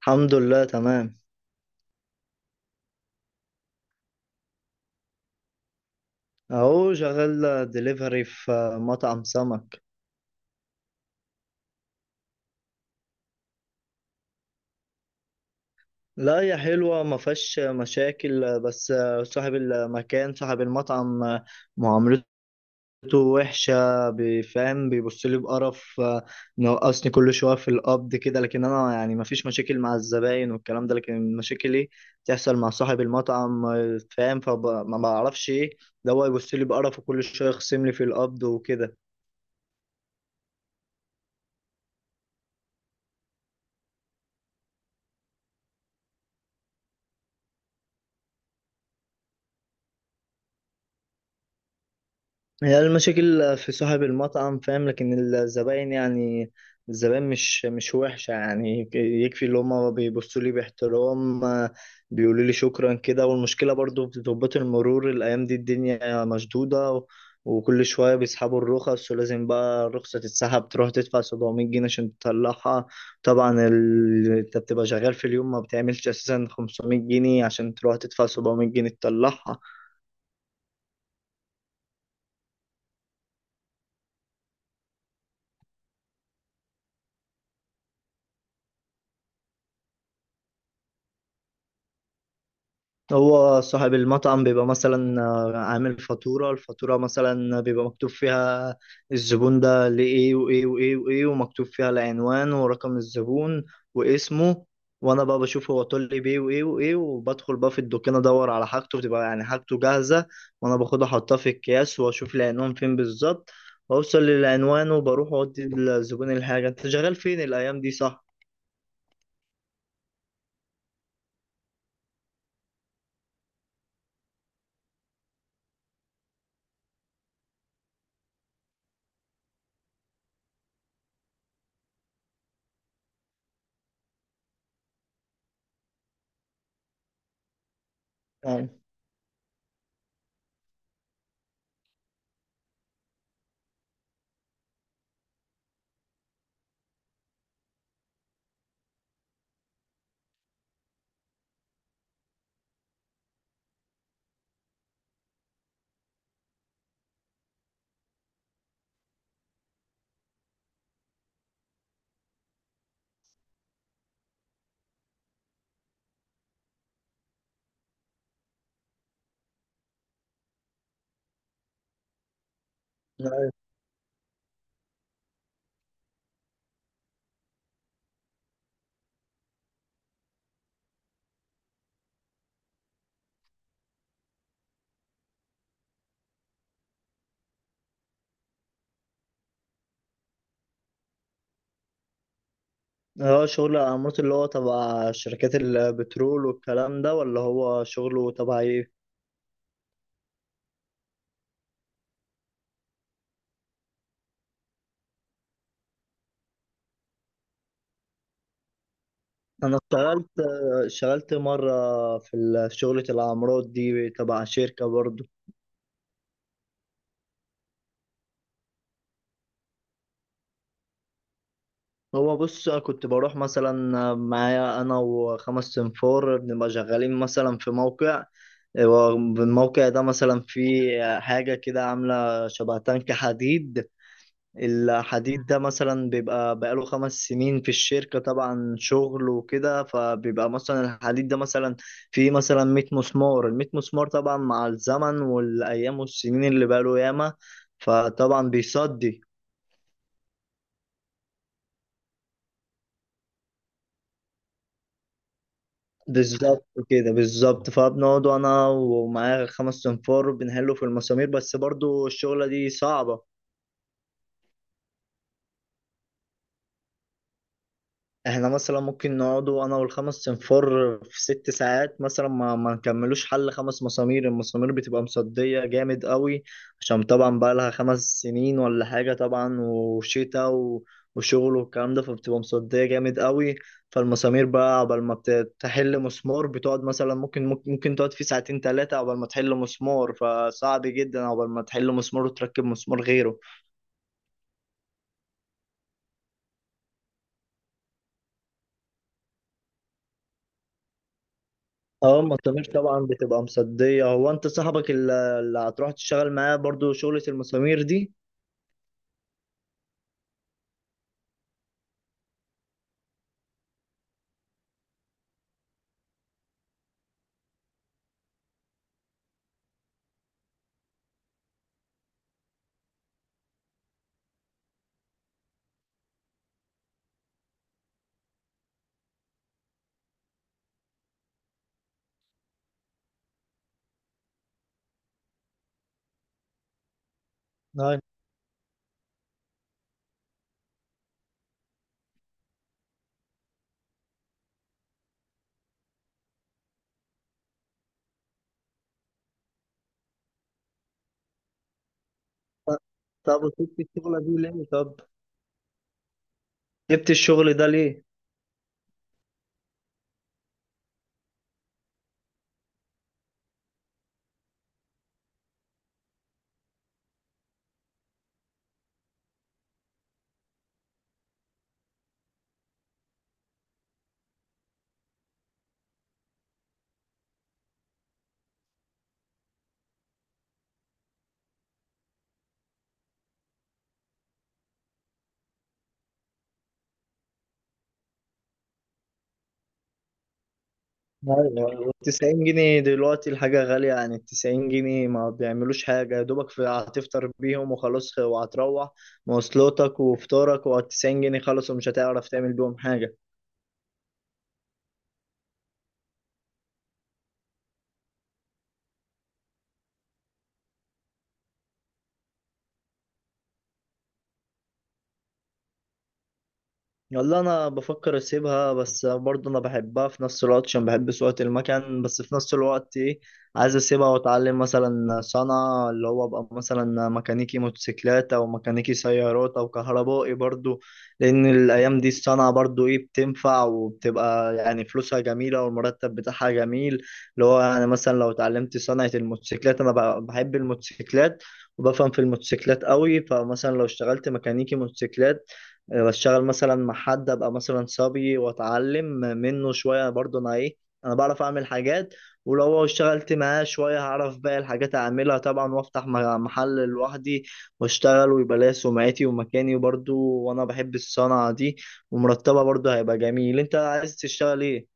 الحمد لله، تمام. اهو شغال دليفري في مطعم سمك. لا، هي حلوة ما فيهاش مشاكل. بس صاحب المكان صاحب المطعم معاملته وحشة، بيفهم بيبص لي بقرف. نقصني كل شوية في القبض كده، لكن انا يعني ما فيش مشاكل مع الزباين والكلام ده، لكن مشاكلي تحصل مع صاحب المطعم، فاهم؟ فما بعرفش ايه ده، هو يبص لي بقرف وكل شوية يخصم لي في القبض وكده. هي المشاكل في صاحب المطعم، فاهم؟ لكن الزباين يعني الزباين مش وحشة، يعني يكفي اللي هما بيبصوا لي باحترام، آه، بيقولوا لي شكرا كده. والمشكلة برضو في ضباط المرور، الأيام دي الدنيا مشدودة وكل شوية بيسحبوا الرخص، ولازم بقى الرخصة تتسحب تروح تدفع 700 جنيه عشان تطلعها. طبعا انت بتبقى شغال في اليوم ما بتعملش أساسا 500 جنيه، عشان تروح تدفع 700 جنيه تطلعها. هو صاحب المطعم بيبقى مثلا آه، عامل فاتورة. الفاتورة مثلا بيبقى مكتوب فيها الزبون ده لإيه وإيه وإيه وإيه، ومكتوب فيها العنوان ورقم الزبون واسمه. وأنا بقى بشوف هو طول لي بيه وإيه وإيه، وبدخل بقى في الدكان أدور على حاجته، بتبقى يعني حاجته جاهزة، وأنا باخدها أحطها في الأكياس وأشوف العنوان فين بالظبط، وأوصل للعنوان وبروح أودي للزبون الحاجة. أنت شغال فين الأيام دي، صح؟ يعني اه، شغل الأمارات اللي هو تبع شركات البترول والكلام ده، ولا هو شغله تبع ايه؟ أنا اشتغلت مرة في شغلة العمارات دي تبع شركة برضو. هو بص، كنت بروح مثلا معايا أنا وخمس سنفار، بنبقى شغالين مثلا في موقع. الموقع ده مثلا فيه حاجة كده عاملة شبه تانك حديد. الحديد ده مثلا بيبقى بقاله 5 سنين في الشركة، طبعا شغل وكده، فبيبقى مثلا الحديد ده مثلا فيه مثلا 100 مسمار. ال 100 مسمار طبعا مع الزمن والأيام والسنين اللي بقاله ياما، فطبعا بيصدي. بالظبط كده بالظبط، فبنقعد أنا ومعايا خمس أنفار بنحله في المسامير، بس برضو الشغلة دي صعبة. احنا مثلا ممكن نقعدوا انا والخمس صنفار في 6 ساعات مثلا ما نكملوش حل خمس مسامير، المسامير بتبقى مصدية جامد قوي، عشان طبعا بقى لها 5 سنين ولا حاجة طبعا، وشغل والكلام ده، فبتبقى مصدية جامد قوي. فالمسامير بقى عقبال ما بتحل مسمار بتقعد مثلا، ممكن تقعد فيه ساعتين ثلاثة عقبال ما تحل مسمار، فصعب جدا عقبال ما تحل مسمار وتركب مسمار غيره. اه، ما الضمير طبعا بتبقى مصدية. هو انت صاحبك اللي هتروح تشتغل معاه برضو شغلة المسامير دي؟ أيوة. طب وسبت الشغلة دي ليه؟ طب جبت الشغل ده ليه؟ أيوة، 90 جنيه دلوقتي الحاجة غالية، يعني 90 جنيه ما بيعملوش حاجة، يا دوبك في هتفطر بيهم وخلاص، وهتروح مواصلاتك وفطارك و90 جنيه خلاص، ومش هتعرف تعمل بيهم حاجة. والله انا بفكر اسيبها، بس برضه انا بحبها في نفس الوقت عشان بحب سواقة المكان، بس في نفس الوقت ايه، عايز اسيبها واتعلم مثلا صنعة، اللي هو ابقى مثلا ميكانيكي موتوسيكلات او ميكانيكي سيارات او كهربائي برضه. لان الايام دي الصنعة برضه ايه، بتنفع وبتبقى يعني فلوسها جميلة والمرتب بتاعها جميل. اللي هو يعني مثلا لو اتعلمت صنعة الموتوسيكلات، انا بحب الموتوسيكلات وبفهم في الموتوسيكلات قوي. فمثلا لو اشتغلت ميكانيكي موتوسيكلات، آه، بشتغل مثلا مع حد ابقى مثلا صبي واتعلم منه شويه، برضه انا ايه، انا بعرف اعمل حاجات، ولو اشتغلت معاه شويه هعرف باقي الحاجات اعملها طبعا، وافتح محل لوحدي واشتغل، ويبقى ليا سمعتي ومكاني برضه، وانا بحب الصنعه دي ومرتبه برضه هيبقى جميل. انت عايز تشتغل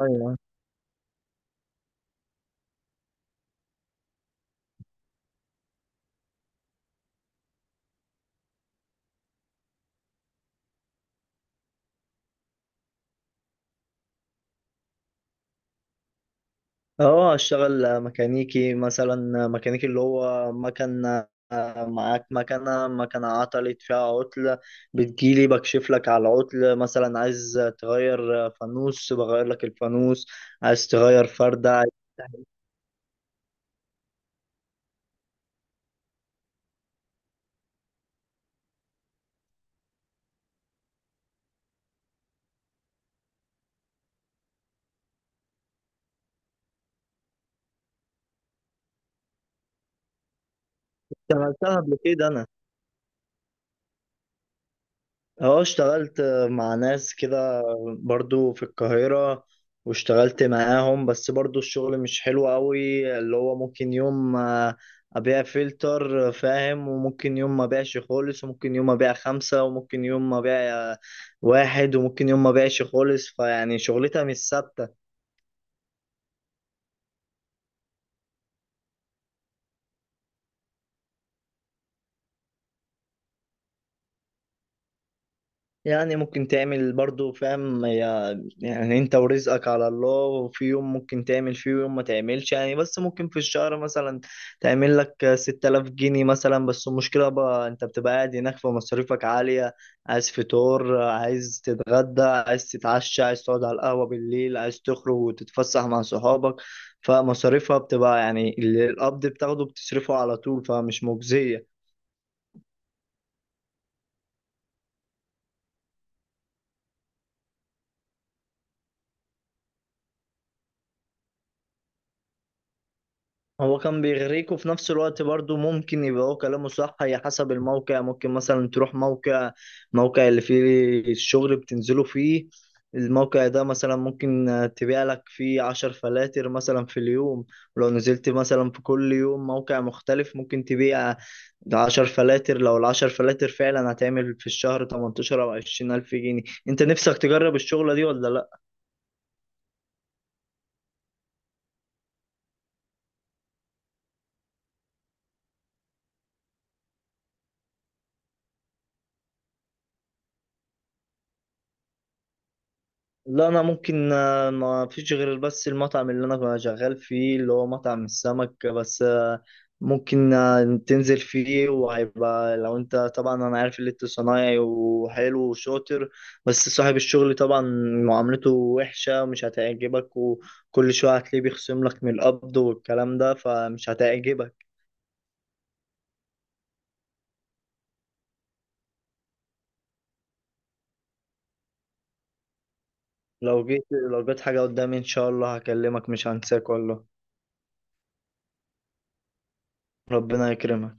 ايه؟ اه، اشتغل ميكانيكي، مثلا ميكانيكي اللي هو مكنة. معاك مكنة، مكنة عطلت فيها عطل، بتجيلي بكشف لك على العطل، مثلا عايز تغير فانوس بغير لك الفانوس، عايز تغير فردة، اشتغلتها قبل كده انا. اه، اشتغلت مع ناس كده برضو في القاهرة، واشتغلت معاهم، بس برضو الشغل مش حلو قوي، اللي هو ممكن يوم آه، ابيع فلتر، آه، فاهم، وممكن يوم ما بيعش خالص، وممكن يوم ما بيع خمسة، وممكن يوم ما بيع آه، واحد، وممكن يوم ما بيعش خالص، فيعني شغلتها مش ثابتة. يعني ممكن تعمل برضو، فاهم يعني انت ورزقك على الله، وفي يوم ممكن تعمل فيه ويوم ما تعملش يعني، بس ممكن في الشهر مثلا تعمل لك 6000 جنيه مثلا، بس المشكلة بقى انت بتبقى قاعد هناك فمصاريفك عالية، عايز فطور عايز تتغدى عايز تتعشى، عايز تقعد على القهوة بالليل، عايز تخرج وتتفسح مع صحابك، فمصاريفها بتبقى يعني اللي القبض بتاخده بتصرفه على طول، فمش مجزية. هو كان بيغريك، وفي نفس الوقت برضو ممكن يبقى هو كلامه صح، هي حسب الموقع، ممكن مثلا تروح موقع، موقع اللي فيه الشغل بتنزله فيه، الموقع ده مثلا ممكن تبيع لك فيه عشر فلاتر مثلا في اليوم، ولو نزلت مثلا في كل يوم موقع مختلف ممكن تبيع عشر فلاتر، لو العشر فلاتر فعلا هتعمل في الشهر 18 أو 20 ألف جنيه، أنت نفسك تجرب الشغلة دي ولا لأ؟ لا، انا ممكن آه، ما فيش غير بس المطعم اللي انا كنت شغال فيه، اللي هو مطعم السمك، بس آه، ممكن آه، تنزل فيه، وهيبقى لو انت طبعا، انا عارف اللي انت صنايعي وحلو وشاطر، بس صاحب الشغل طبعا معاملته وحشة ومش هتعجبك، وكل شوية هتلاقيه بيخصم لك من القبض والكلام ده، فمش هتعجبك. لو جيت، لو جيت حاجة قدامي ان شاء الله هكلمك، مش هنساك والله. ربنا يكرمك.